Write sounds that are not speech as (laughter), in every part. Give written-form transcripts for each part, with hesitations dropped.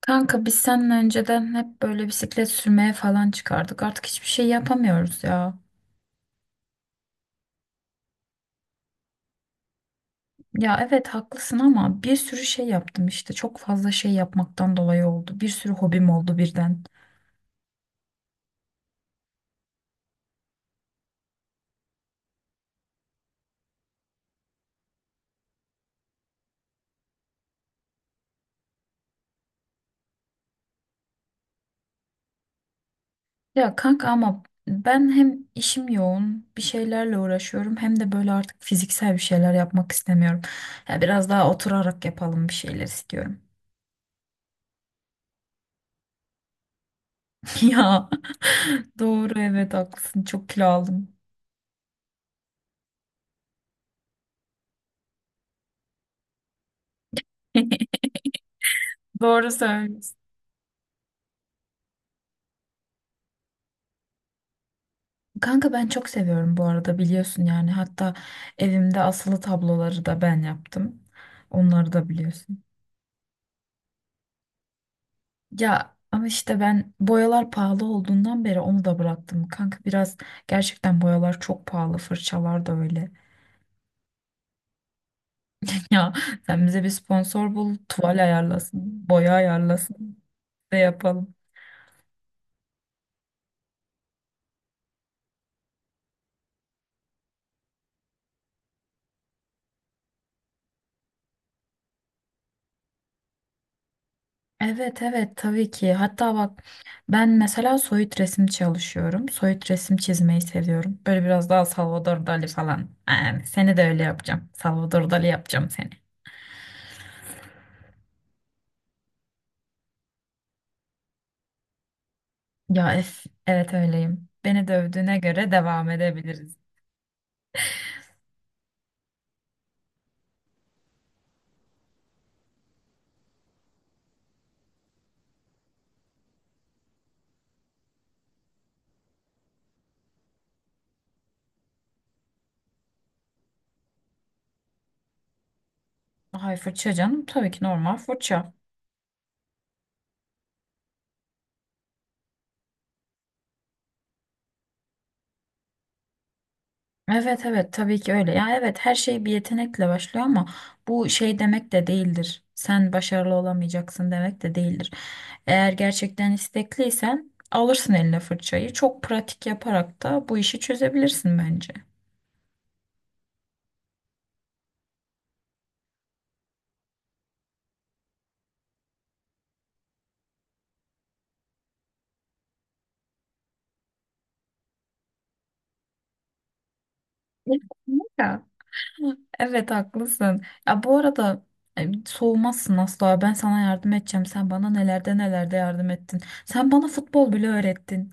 Kanka biz seninle önceden hep böyle bisiklet sürmeye falan çıkardık. Artık hiçbir şey yapamıyoruz ya. Ya evet haklısın ama bir sürü şey yaptım işte. Çok fazla şey yapmaktan dolayı oldu. Bir sürü hobim oldu birden. Ya kanka ama ben hem işim yoğun, bir şeylerle uğraşıyorum hem de böyle artık fiziksel bir şeyler yapmak istemiyorum. Ya biraz daha oturarak yapalım bir şeyler istiyorum. (laughs) Ya doğru, evet, haklısın. Çok kilo aldım. (laughs) Doğru söylüyorsun. Kanka ben çok seviyorum bu arada, biliyorsun yani. Hatta evimde asılı tabloları da ben yaptım. Onları da biliyorsun. Ya ama işte ben boyalar pahalı olduğundan beri onu da bıraktım. Kanka biraz gerçekten boyalar çok pahalı. Fırçalar da öyle. (laughs) Ya sen bize bir sponsor bul, tuval ayarlasın, boya ayarlasın ve yapalım. Evet evet, tabii ki. Hatta bak ben mesela soyut resim çalışıyorum. Soyut resim çizmeyi seviyorum. Böyle biraz daha Salvador Dali falan. Yani seni de öyle yapacağım. Salvador Dali yapacağım seni. Ya evet, öyleyim. Beni dövdüğüne göre devam edebiliriz. Ay fırça canım, tabii ki normal fırça. Evet evet, tabii ki öyle. Ya evet, her şey bir yetenekle başlıyor ama bu şey demek de değildir. Sen başarılı olamayacaksın demek de değildir. Eğer gerçekten istekliysen alırsın eline fırçayı. Çok pratik yaparak da bu işi çözebilirsin bence. Ya. Evet haklısın. Ya bu arada soğumazsın asla. Ben sana yardım edeceğim. Sen bana nelerde yardım ettin. Sen bana futbol bile öğrettin.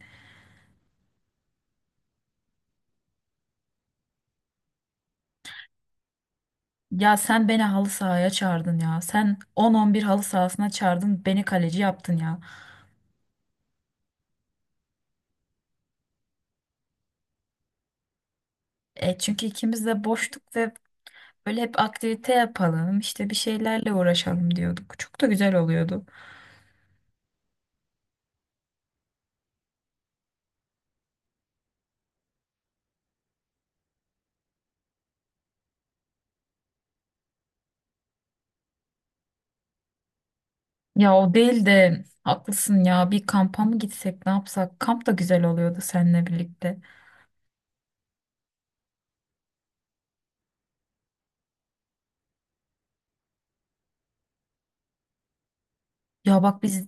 Ya sen beni halı sahaya çağırdın ya. Sen 10-11 halı sahasına çağırdın. Beni kaleci yaptın ya. Çünkü ikimiz de boştuk ve böyle hep aktivite yapalım, işte bir şeylerle uğraşalım diyorduk. Çok da güzel oluyordu. Ya o değil de haklısın ya. Bir kampa mı gitsek, ne yapsak? Kamp da güzel oluyordu seninle birlikte. Ya bak biz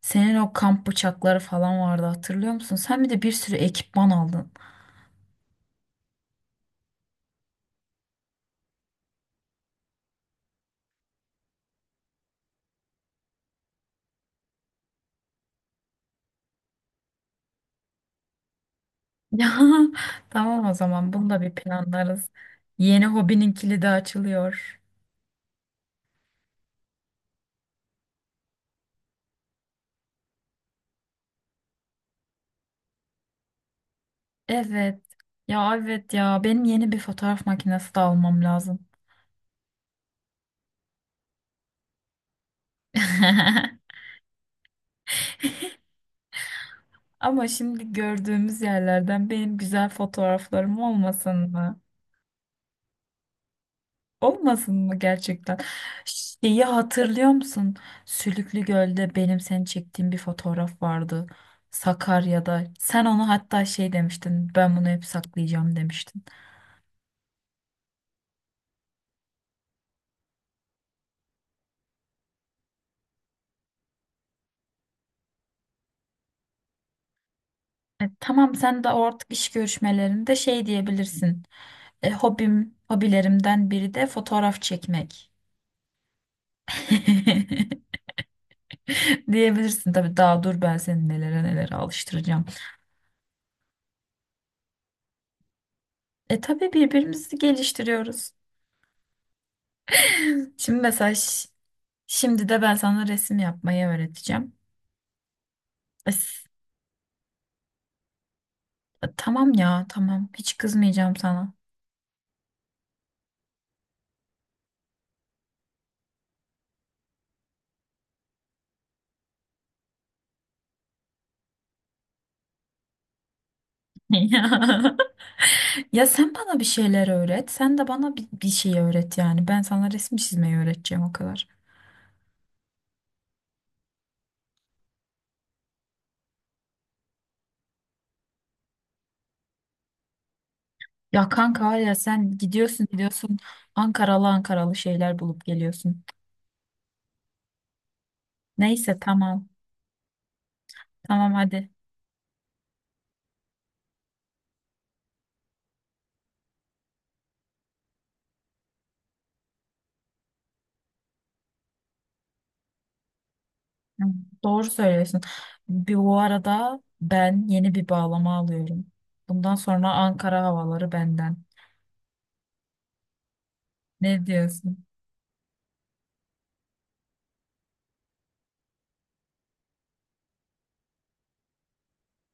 Senin o kamp bıçakları falan vardı, hatırlıyor musun? Sen bir de bir sürü ekipman aldın. (laughs) Ya tamam, o zaman bunu da bir planlarız. Yeni hobinin kilidi açılıyor. Evet. Ya evet ya, benim yeni bir fotoğraf makinesi de almam lazım. (laughs) Ama şimdi gördüğümüz yerlerden benim güzel fotoğraflarım olmasın mı? Olmasın mı gerçekten? Şeyi hatırlıyor musun? Sülüklü Göl'de benim seni çektiğim bir fotoğraf vardı. Sakarya'da. Sen onu hatta şey demiştin. Ben bunu hep saklayacağım demiştin. Tamam, sen de artık iş görüşmelerinde şey diyebilirsin. Hobim, hobilerimden biri de fotoğraf çekmek. (laughs) Diyebilirsin tabii, daha dur ben seni nelere alıştıracağım. E tabii, birbirimizi geliştiriyoruz. (laughs) Şimdi mesaj Şimdi de ben sana resim yapmayı öğreteceğim. Es- Tamam ya, tamam. Hiç kızmayacağım sana. (laughs) Ya Ya, sen bana bir şeyler öğret. Sen de bana bir şey öğret yani. Ben sana resim çizmeyi öğreteceğim o kadar. Ya kanka var ya, sen gidiyorsun Ankaralı Ankaralı şeyler bulup geliyorsun. Neyse, tamam. Tamam hadi. Hı, Doğru söylüyorsun. Bir, bu arada ben yeni bir bağlama alıyorum. Bundan sonra Ankara havaları benden. Ne diyorsun?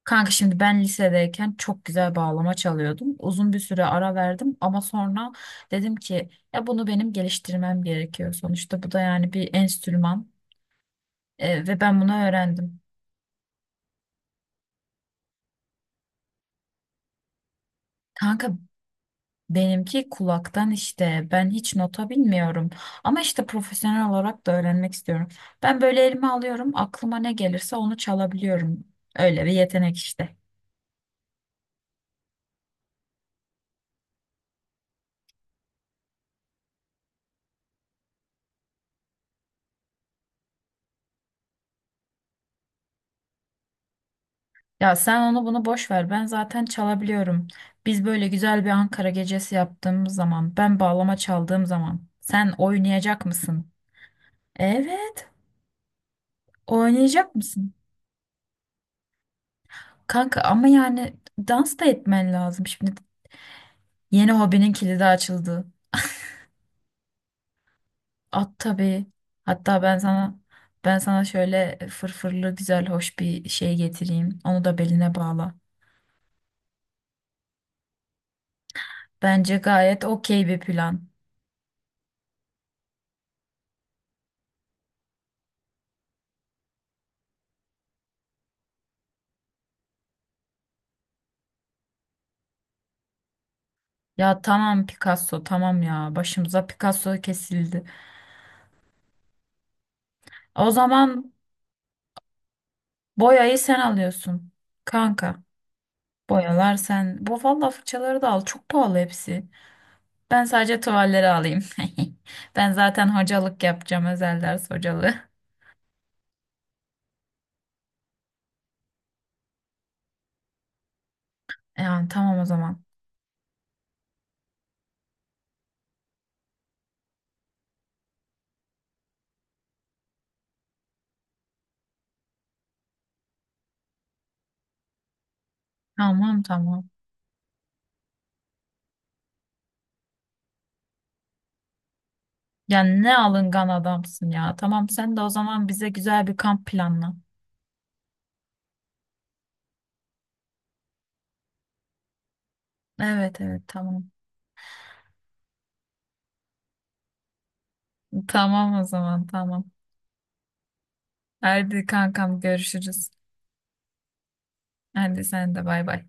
Kanka şimdi ben lisedeyken çok güzel bağlama çalıyordum. Uzun bir süre ara verdim ama sonra dedim ki ya, bunu benim geliştirmem gerekiyor. Sonuçta bu da yani bir enstrüman ve ben bunu öğrendim. Kanka, benimki kulaktan işte. Ben hiç nota bilmiyorum. Ama işte profesyonel olarak da öğrenmek istiyorum. Ben böyle elime alıyorum. Aklıma ne gelirse onu çalabiliyorum. Öyle bir yetenek işte. Ya sen onu bunu boş ver. Ben zaten çalabiliyorum. Biz böyle güzel bir Ankara gecesi yaptığımız zaman, ben bağlama çaldığım zaman sen oynayacak mısın? Evet, oynayacak mısın? Kanka ama yani dans da etmen lazım. Şimdi yeni hobinin kilidi açıldı. At tabii. Hatta ben sana şöyle fırfırlı güzel hoş bir şey getireyim. Onu da beline bağla. Bence gayet okey bir plan. Ya tamam Picasso, tamam ya, başımıza Picasso kesildi. O zaman boyayı sen alıyorsun. Kanka boyalar sen. Bu valla, fırçaları da al, çok pahalı hepsi. Ben sadece tuvalleri alayım. (laughs) Ben zaten hocalık yapacağım. Özel ders hocalığı. Yani tamam o zaman. Tamam tamam. Ya ne alıngan adamsın ya. Tamam, sen de o zaman bize güzel bir kamp planla. Evet evet, tamam. Tamam o zaman, tamam. Hadi kankam, görüşürüz. Hadi sen de, bay bay.